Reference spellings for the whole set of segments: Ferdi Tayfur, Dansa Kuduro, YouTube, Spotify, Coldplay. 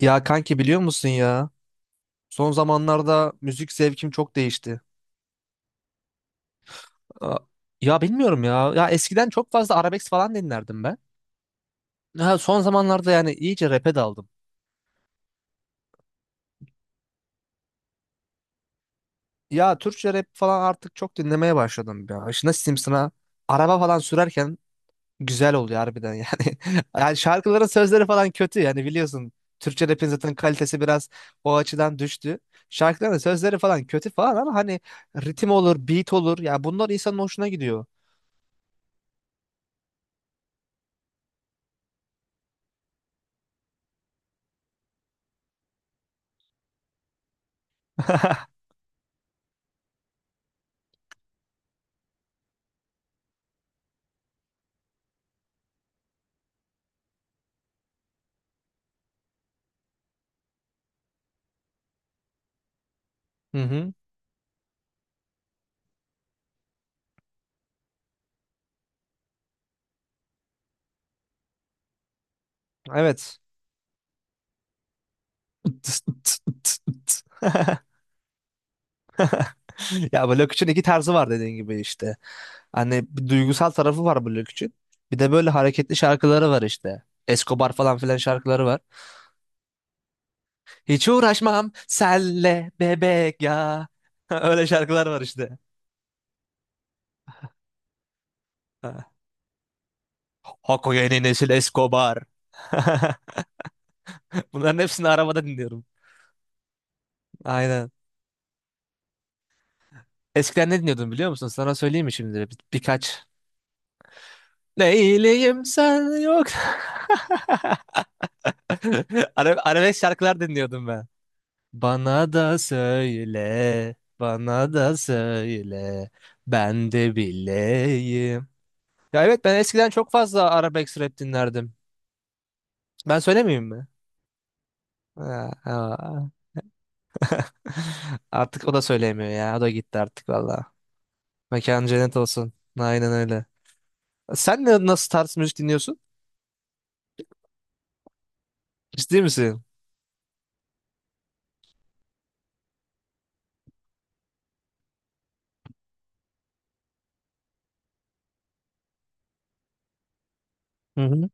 Ya kanki biliyor musun ya? Son zamanlarda müzik zevkim çok değişti. Aa, ya bilmiyorum ya. Ya eskiden çok fazla arabesk falan dinlerdim ben. Ya son zamanlarda yani iyice rap'e daldım. Ya Türkçe rap falan artık çok dinlemeye başladım ya. İşte nasıl diyeyim sana? Araba falan sürerken güzel oluyor harbiden yani. Yani şarkıların sözleri falan kötü yani biliyorsun. Türkçe rap'in zaten kalitesi biraz o açıdan düştü. Şarkıların sözleri falan kötü falan ama hani ritim olur, beat olur. Ya bunlar insanın hoşuna gidiyor. Hı hı. Evet. Ya bu için iki tarzı var dediğin gibi işte. Hani bir duygusal tarafı var bu için. Bir de böyle hareketli şarkıları var işte. Escobar falan filan şarkıları var. Hiç uğraşmam senle bebek ya. Öyle şarkılar var işte. Ha. Hako yeni nesil Escobar. Bunların hepsini arabada dinliyorum. Aynen. Eskiden ne dinliyordum biliyor musun? Sana söyleyeyim mi şimdi? Birkaç. Neyleyim sen yok. Arabesk şarkılar dinliyordum ben. Bana da söyle, bana da söyle, ben de bileyim. Ya evet ben eskiden çok fazla arabesk rap dinlerdim. Ben söylemeyeyim mi? Ha, ha. Artık o da söyleyemiyor ya. O da gitti artık valla. Mekan cennet olsun. Aynen öyle. Sen nasıl tarz müzik dinliyorsun? Ciddi misin? Hı hı.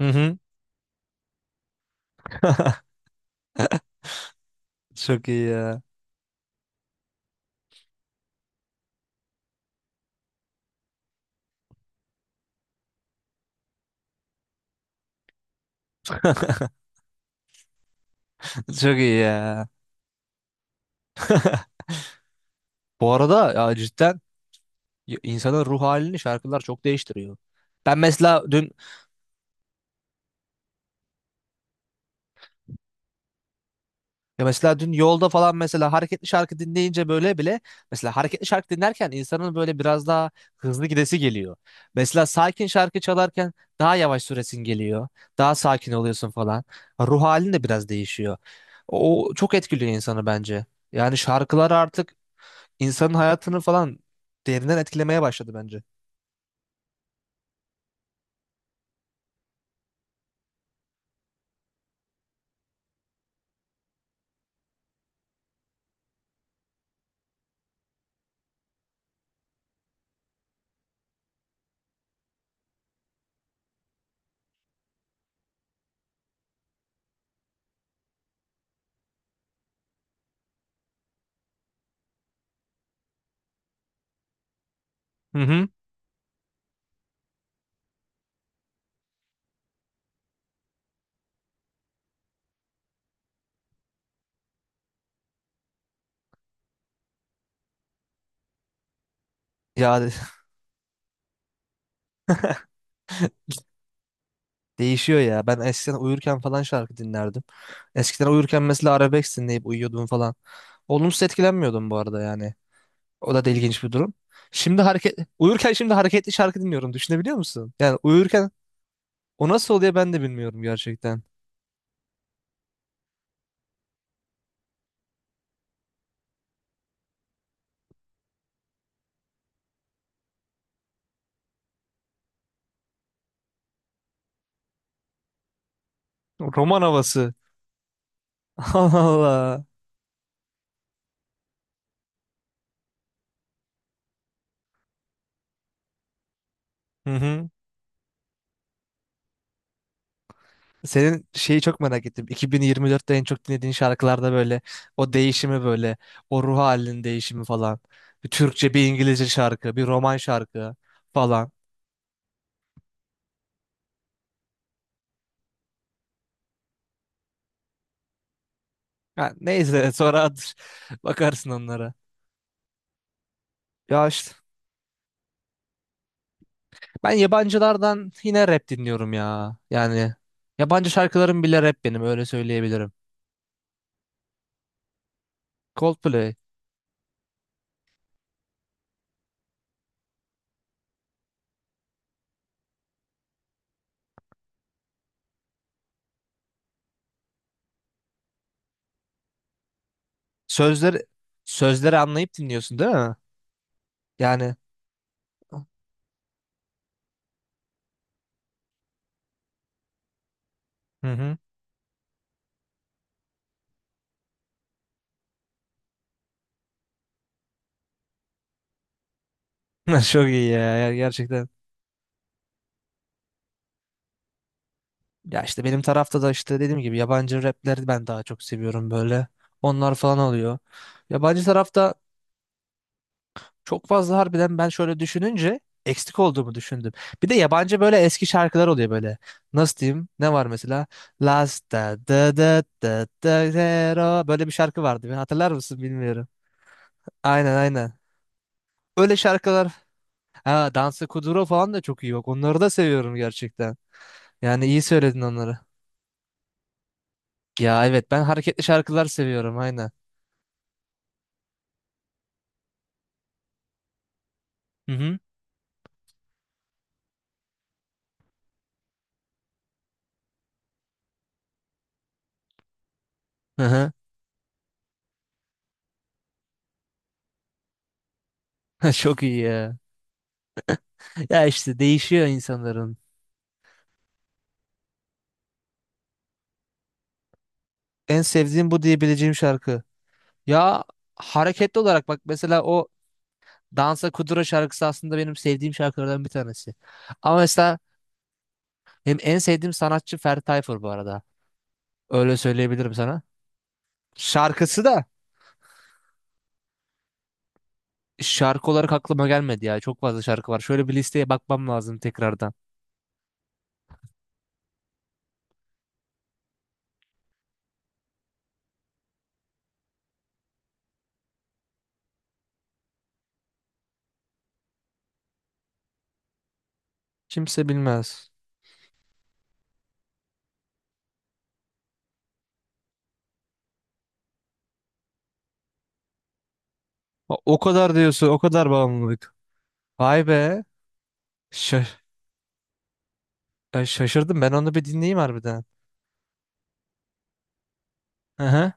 Hı hı. Çok iyi ya. Çok iyi ya. Bu arada ya cidden insanın ruh halini şarkılar çok değiştiriyor. Ben mesela dün Ya mesela dün yolda falan mesela hareketli şarkı dinleyince böyle bile mesela hareketli şarkı dinlerken insanın böyle biraz daha hızlı gidesi geliyor. Mesela sakin şarkı çalarken daha yavaş süresin geliyor. Daha sakin oluyorsun falan. Ruh halin de biraz değişiyor. O çok etkiliyor insanı bence. Yani şarkılar artık insanın hayatını falan derinden etkilemeye başladı bence. Hı hı. Ya değişiyor ya. Ben eskiden uyurken falan şarkı dinlerdim. Eskiden uyurken mesela arabesk dinleyip uyuyordum falan. Olumsuz etkilenmiyordum bu arada yani. O da ilginç bir durum. Şimdi uyurken şimdi hareketli şarkı dinliyorum. Düşünebiliyor musun? Yani uyurken o nasıl oluyor ben de bilmiyorum gerçekten. Roman havası. Allah Allah. Hı hı. Senin şeyi çok merak ettim. 2024'te en çok dinlediğin şarkılarda böyle o değişimi böyle o ruh halinin değişimi falan. Bir Türkçe, bir İngilizce şarkı, bir roman şarkı falan. Ha, neyse sonra bakarsın onlara. Ya işte ben yabancılardan yine rap dinliyorum ya. Yani yabancı şarkılarım bile rap benim öyle söyleyebilirim. Coldplay. Sözleri sözleri anlayıp dinliyorsun değil mi? Yani hı hı. Çok iyi ya gerçekten. Ya işte benim tarafta da işte dediğim gibi yabancı rapleri ben daha çok seviyorum böyle. Onlar falan oluyor. Yabancı tarafta. Çok fazla harbiden ben şöyle düşününce eksik olduğumu düşündüm. Bir de yabancı böyle eski şarkılar oluyor böyle. Nasıl diyeyim? Ne var mesela? Last da da da da da zero. Böyle bir şarkı vardı. Bir hatırlar mısın bilmiyorum. Aynen aynen. Öyle şarkılar. Ha, Dansa Kuduro falan da çok iyi bak. Onları da seviyorum gerçekten. Yani iyi söyledin onları. Ya evet ben hareketli şarkılar seviyorum aynen. Hı hı. Hı hı. Çok iyi ya. Ya işte değişiyor insanların. En sevdiğim bu diyebileceğim şarkı. Ya hareketli olarak bak mesela o Dansa Kuduro şarkısı aslında benim sevdiğim şarkılardan bir tanesi. Ama mesela benim en sevdiğim sanatçı Ferdi Tayfur bu arada. Öyle söyleyebilirim sana. Şarkısı da şarkı olarak aklıma gelmedi ya. Çok fazla şarkı var. Şöyle bir listeye bakmam lazım tekrardan. Kimse bilmez. O kadar diyorsun, o kadar bağımlılık. Vay be. Şa- Şaşırdım. Ben onu bir dinleyeyim harbiden. Hı hı.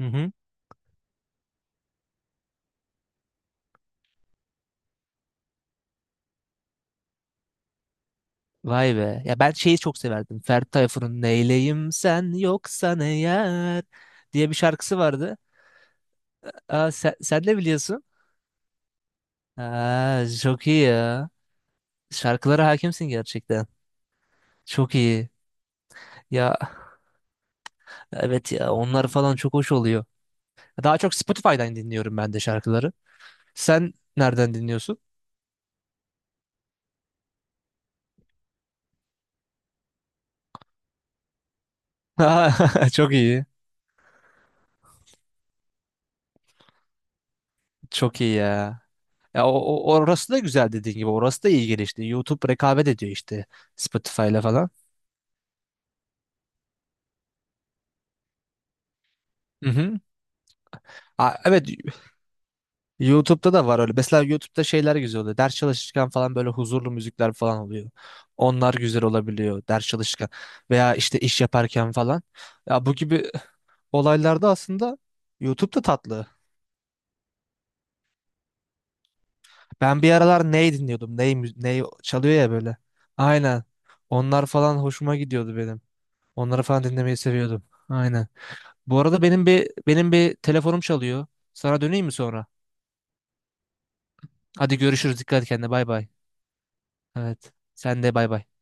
Hı hı. Vay be. Ya ben şeyi çok severdim. Ferdi Tayfur'un Neyleyim sen yoksan eğer diye bir şarkısı vardı. Aa, sen de biliyorsun. Aa, çok iyi ya. Şarkılara hakimsin gerçekten. Çok iyi. Ya evet ya onlar falan çok hoş oluyor. Daha çok Spotify'dan dinliyorum ben de şarkıları. Sen nereden dinliyorsun? Çok iyi. Çok iyi ya. Ya orası da güzel dediğin gibi. Orası da iyi gelişti. YouTube rekabet ediyor işte Spotify'la falan. Hı hı. Aa, evet YouTube'da da var öyle. Mesela YouTube'da şeyler güzel oluyor. Ders çalışırken falan böyle huzurlu müzikler falan oluyor. Onlar güzel olabiliyor ders çalışırken veya işte iş yaparken falan. Ya bu gibi olaylarda aslında YouTube'da tatlı. Ben bir aralar ney dinliyordum? Ney, ney çalıyor ya böyle. Aynen. Onlar falan hoşuma gidiyordu benim. Onları falan dinlemeyi seviyordum. Aynen. Bu arada benim bir telefonum çalıyor. Sana döneyim mi sonra? Hadi görüşürüz. Dikkat et kendine. Bay bay. Evet. Sen de bay bay.